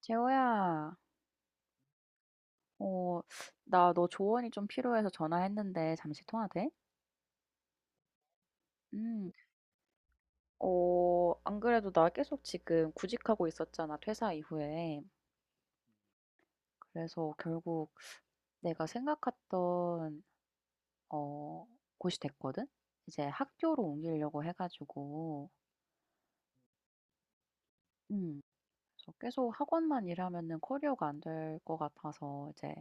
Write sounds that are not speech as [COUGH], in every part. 재호야, 어, 나 너 조언이 좀 필요해서 전화했는데 잠시 통화 돼? 음, 안 그래도 나 계속 지금 구직하고 있었잖아, 퇴사 이후에. 그래서 결국 내가 생각했던, 어, 곳이 됐거든? 이제 학교로 옮기려고 해가지고, 음, 그래서 계속 학원만 일하면은 커리어가 안 될 것 같아서 이제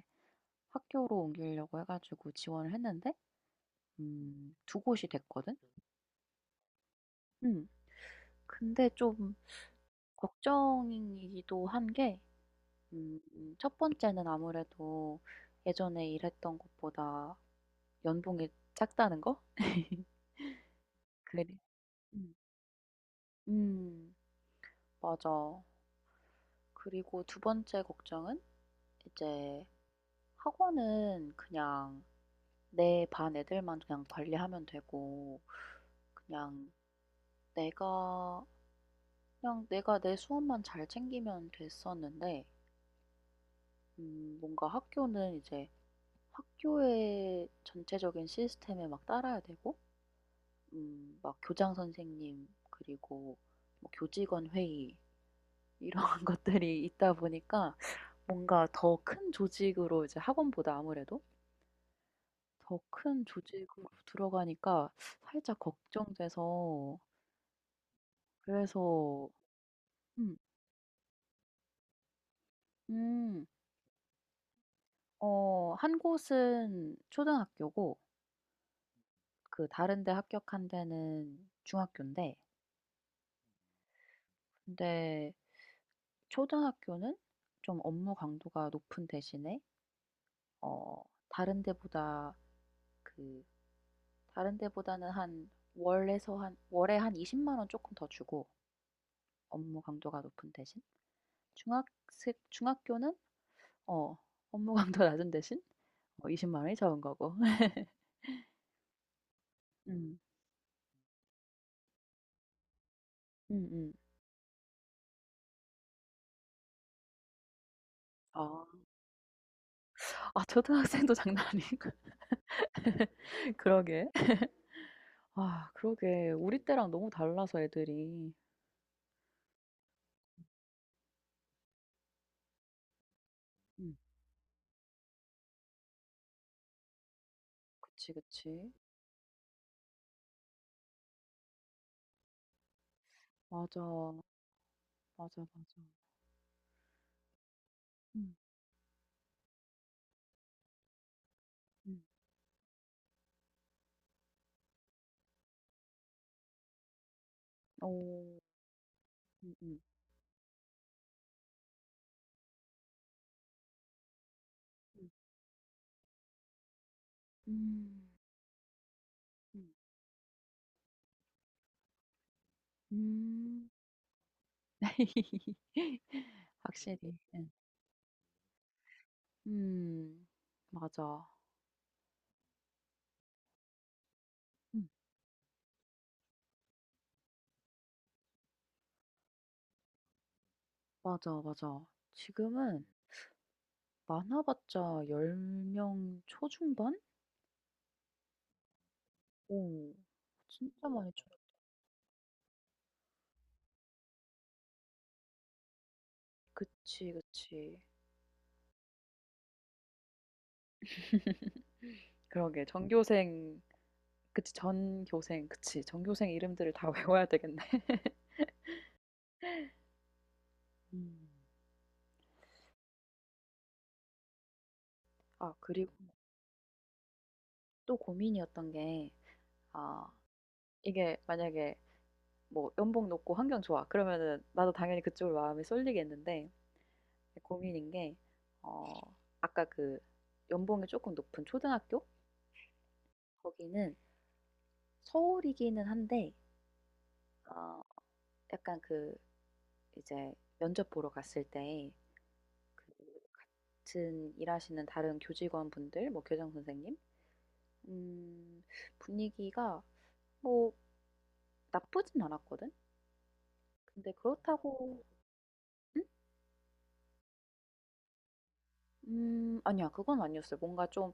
학교로 옮기려고 해가지고 지원을 했는데, 두 곳이 됐거든? 음, 근데 좀 걱정이기도 한 게, 음 첫 번째는 아무래도 예전에 일했던 것보다 연봉이 작다는 거? 그래. 음. 음 맞아. 그리고 두 번째 걱정은 이제 학원은 그냥 내 반 애들만 그냥 관리하면 되고 그냥 내가 그냥 내가 내 수업만 잘 챙기면 됐었는데 뭔가 학교는 이제 학교의 전체적인 시스템에 막 따라야 되고 막 교장 선생님 그리고 뭐 교직원 회의 이런 [LAUGHS] 것들이 있다 보니까 뭔가 더 큰 조직으로 이제 학원보다 아무래도 더 큰 조직으로 들어가니까 살짝 걱정돼서 그래서. 음. 음. 한 곳은 초등학교고 그 다른 데 합격한 데는 중학교인데, 근데 초등학교는 좀 업무 강도가 높은 대신에 어 다른 데보다, 그 다른 데보다는 한 월에 한 20만 원 조금 더 주고 업무 강도가 높은 대신 중학생 중학교는 어 업무 [LAUGHS] 강도 낮은 대신 20만 원이 적은 거고. [LAUGHS] 음. 음음. 아. 초등학생도 장난 아니고. [LAUGHS] 그러게. 그러게. 우리 때랑 너무 달라서 애들이. 음. 그치, 그치. 맞아. 맞아, 맞아. 음. 음. 오. 음 음. 음. 음. 음. 음. 음. [LAUGHS] 확실히. 예. 음. 맞아. 음. 맞아, 맞아. 지금은 많아 봤자 10명 초중반? 오. 진짜 많이 줄. 그치, 그치. 그러게, 전교생. 그치, 전교생. 그치, 전교생 이름들을 다 [LAUGHS] 외워야 되겠네. 음. 그리고 또 고민이었던 게, 아 이게 만약에 뭐 연봉 높고 환경 좋아 그러면은 나도 당연히 그쪽으로 마음이 쏠리겠는데, 고민인 게, 어 아까 그 연봉이 조금 높은 초등학교? 거기는 서울이기는 한데, 어 약간 그 이제 면접 보러 갔을 때 그 같은 일하시는 다른 교직원분들, 뭐 교장 선생님, 음 분위기가 뭐 나쁘진 않았거든? 근데 그렇다고. 응? 아니야. 그건 아니었어요. 뭔가 좀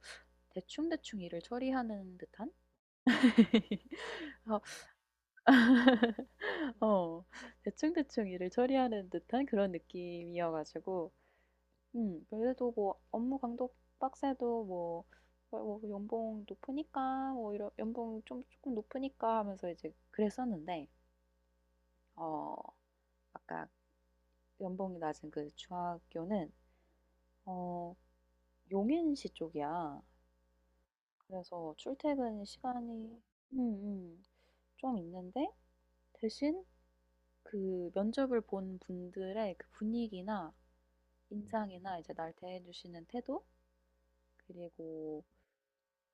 대충대충 일을 처리하는 듯한? [LAUGHS] 어, 어. 대충대충 일을 처리하는 듯한 그런 느낌이어 가지고, 그래도 뭐 업무 강도 빡세도 뭐 뭐 "연봉 높으니까 뭐 이런 연봉 좀 쪼끔 높으니까." 하면서 이제 그랬었는데, 어 아까 연봉이 낮은 그 중학교는 어 용인시 쪽이야. 그래서 출퇴근 시간이 음음 좀 있는데, 대신 그 면접을 본 분들의 그 분위기나 인상이나 이제 날 대해주시는 태도, 그리고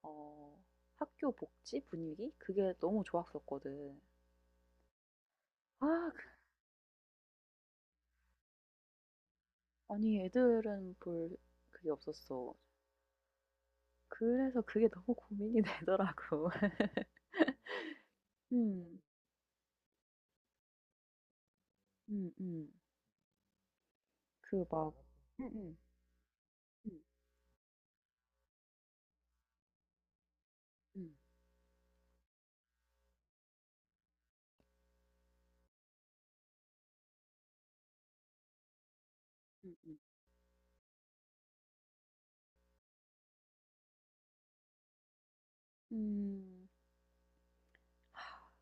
어, 학교 복지 분위기 그게 너무 좋았었거든. 아, 그- 아니, 애들은 볼 그게 없었어. 그래서 그게 너무 고민이 [LAUGHS] 되더라고. 음, 음, 음. 그 막, 음, 음, 음, 음, 음, 음. 음,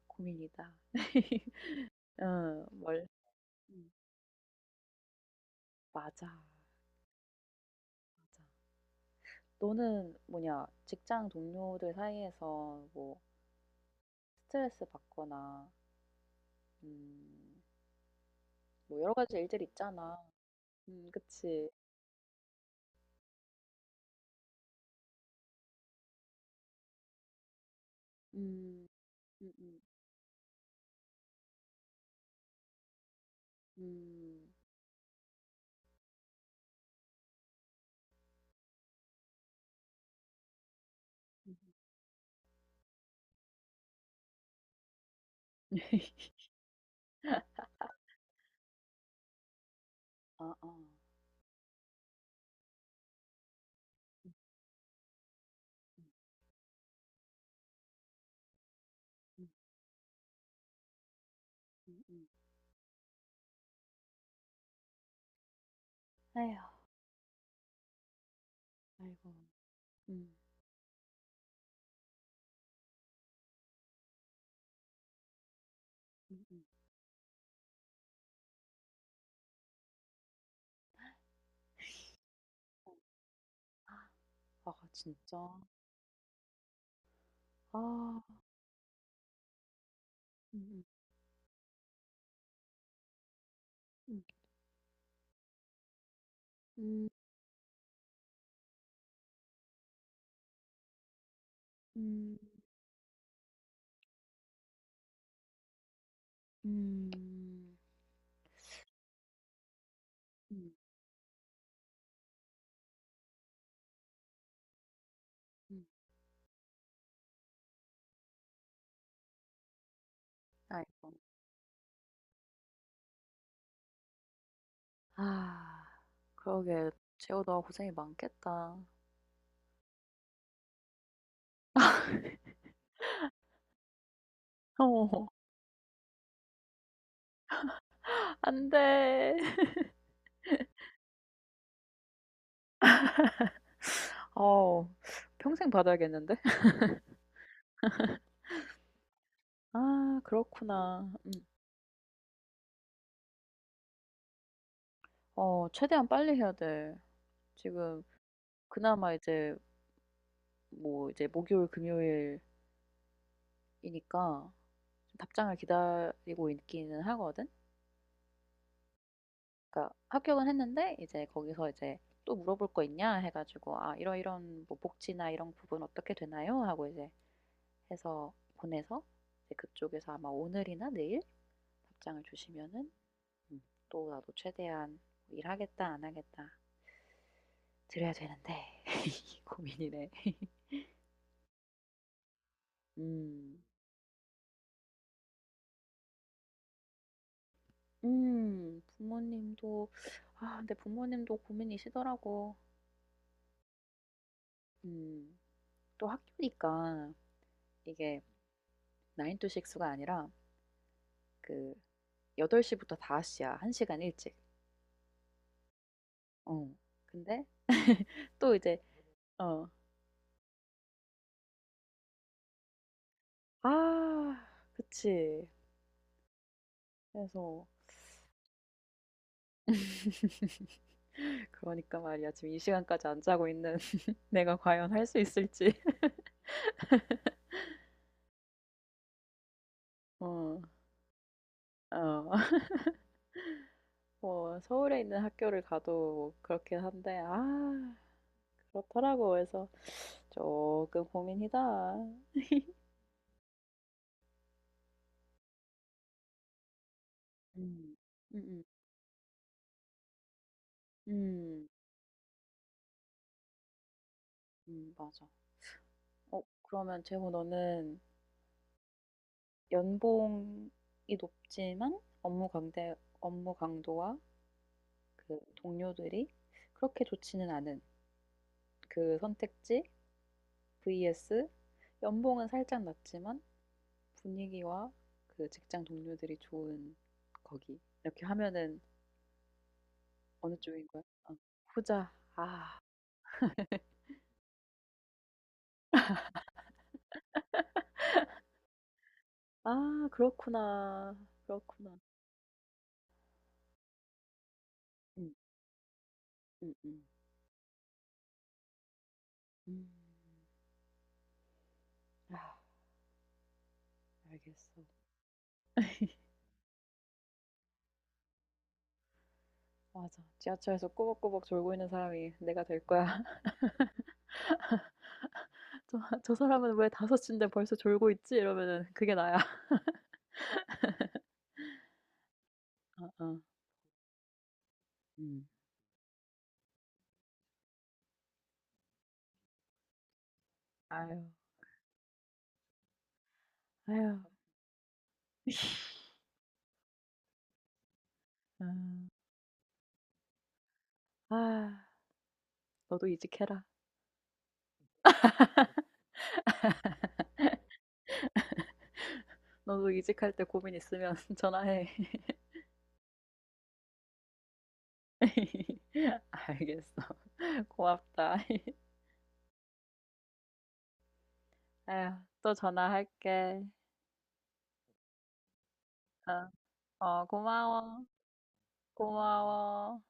고민이다. [LAUGHS] 어, 뭘? 음, 맞아, 맞아. 너는 뭐냐, 직장 동료들 사이에서 뭐 스트레스 받거나 음 뭐 여러 가지 일들이 있잖아. 그치. 음. 음음. 음. 음음. [LAUGHS] 아, 아. 음 음. 음 [LAUGHS] 음음. 에휴. 아이고. 음. 음 음. 아.. 진짜? 아. 음음. 음. 음 음. 음. 음. 음. 아이고. 아. 그러게, 재호 너가 고생이 많겠다. [LAUGHS] 어. 안 돼. 어. 평생 받아야겠는데? [LAUGHS] 아, 그렇구나. 음. 최대한 빨리 해야 돼. 지금 그나마 이제 뭐 이제 목요일, 금요일이니까 좀 답장을 기다리고 있기는 하거든. 그러니까 합격은 했는데 이제 거기서 이제 "또 물어볼 거 있냐?" 해 가지고, "아 이런 이런 뭐 복지나 이런 부분 어떻게 되나요?" 하고 이제 해서 보내서 이제 그쪽에서 아마 오늘이나 내일 답장을 주시면은, 음 또 나도 최대한 뭐 '일하겠다. 안 하겠다.' 드려야 되는데 [LAUGHS] 고민이네. [LAUGHS] 음. 음. 부모님도 아 근데 부모님도 고민이시더라고. 음. 또 학교니까 이게 9 to 6 가 아니라 그 8 시부터 5 시야. 1 시간 일찍. 어. 근데 또 이제 어. 아, 그치. 그래서 [LAUGHS] 그러니까 말이야. 지금 이 시간까지 안 자고 있는 [LAUGHS] 내가 과연 할 수 있을지. [LAUGHS] 어. 어. 뭐 서울에 있는 학교를 가도 그렇긴 한데, 그렇더라고. 그래서 조금 고민이다. 음. 음음. 음. 음 맞아. 그러면 재호 너는 연봉이 높지만 업무 강도와 그 동료들이 그렇게 좋지는 않은 그 선택지 vs 연봉은 살짝 낮지만 분위기와 그 직장 동료들이 좋은 거기, 이렇게 하면은 어느 쪽인 거야? 어. 후자. 아. 아, 그렇구나. 그렇구나. 음. 음음. 음. 음. 아, 알겠어. [LAUGHS] 맞아. 지하철에서 꾸벅꾸벅 졸고 있는 사람이 내가 될 거야. [LAUGHS] '저 저 사람은 왜섯 시인데 벌써 졸고 있지?' 이러면은 그게 나야. [LAUGHS] 어어. 음. 아유. 아유. [LAUGHS] 음. 아. 너도 이직해라. 너도 이직할 때 고민 있으면 [LAUGHS] 전화해. [LAUGHS] 알겠어. [LAUGHS] 고맙다. [LAUGHS] 에휴, 또 전화할게. 어, 어, 고마워. 고마워.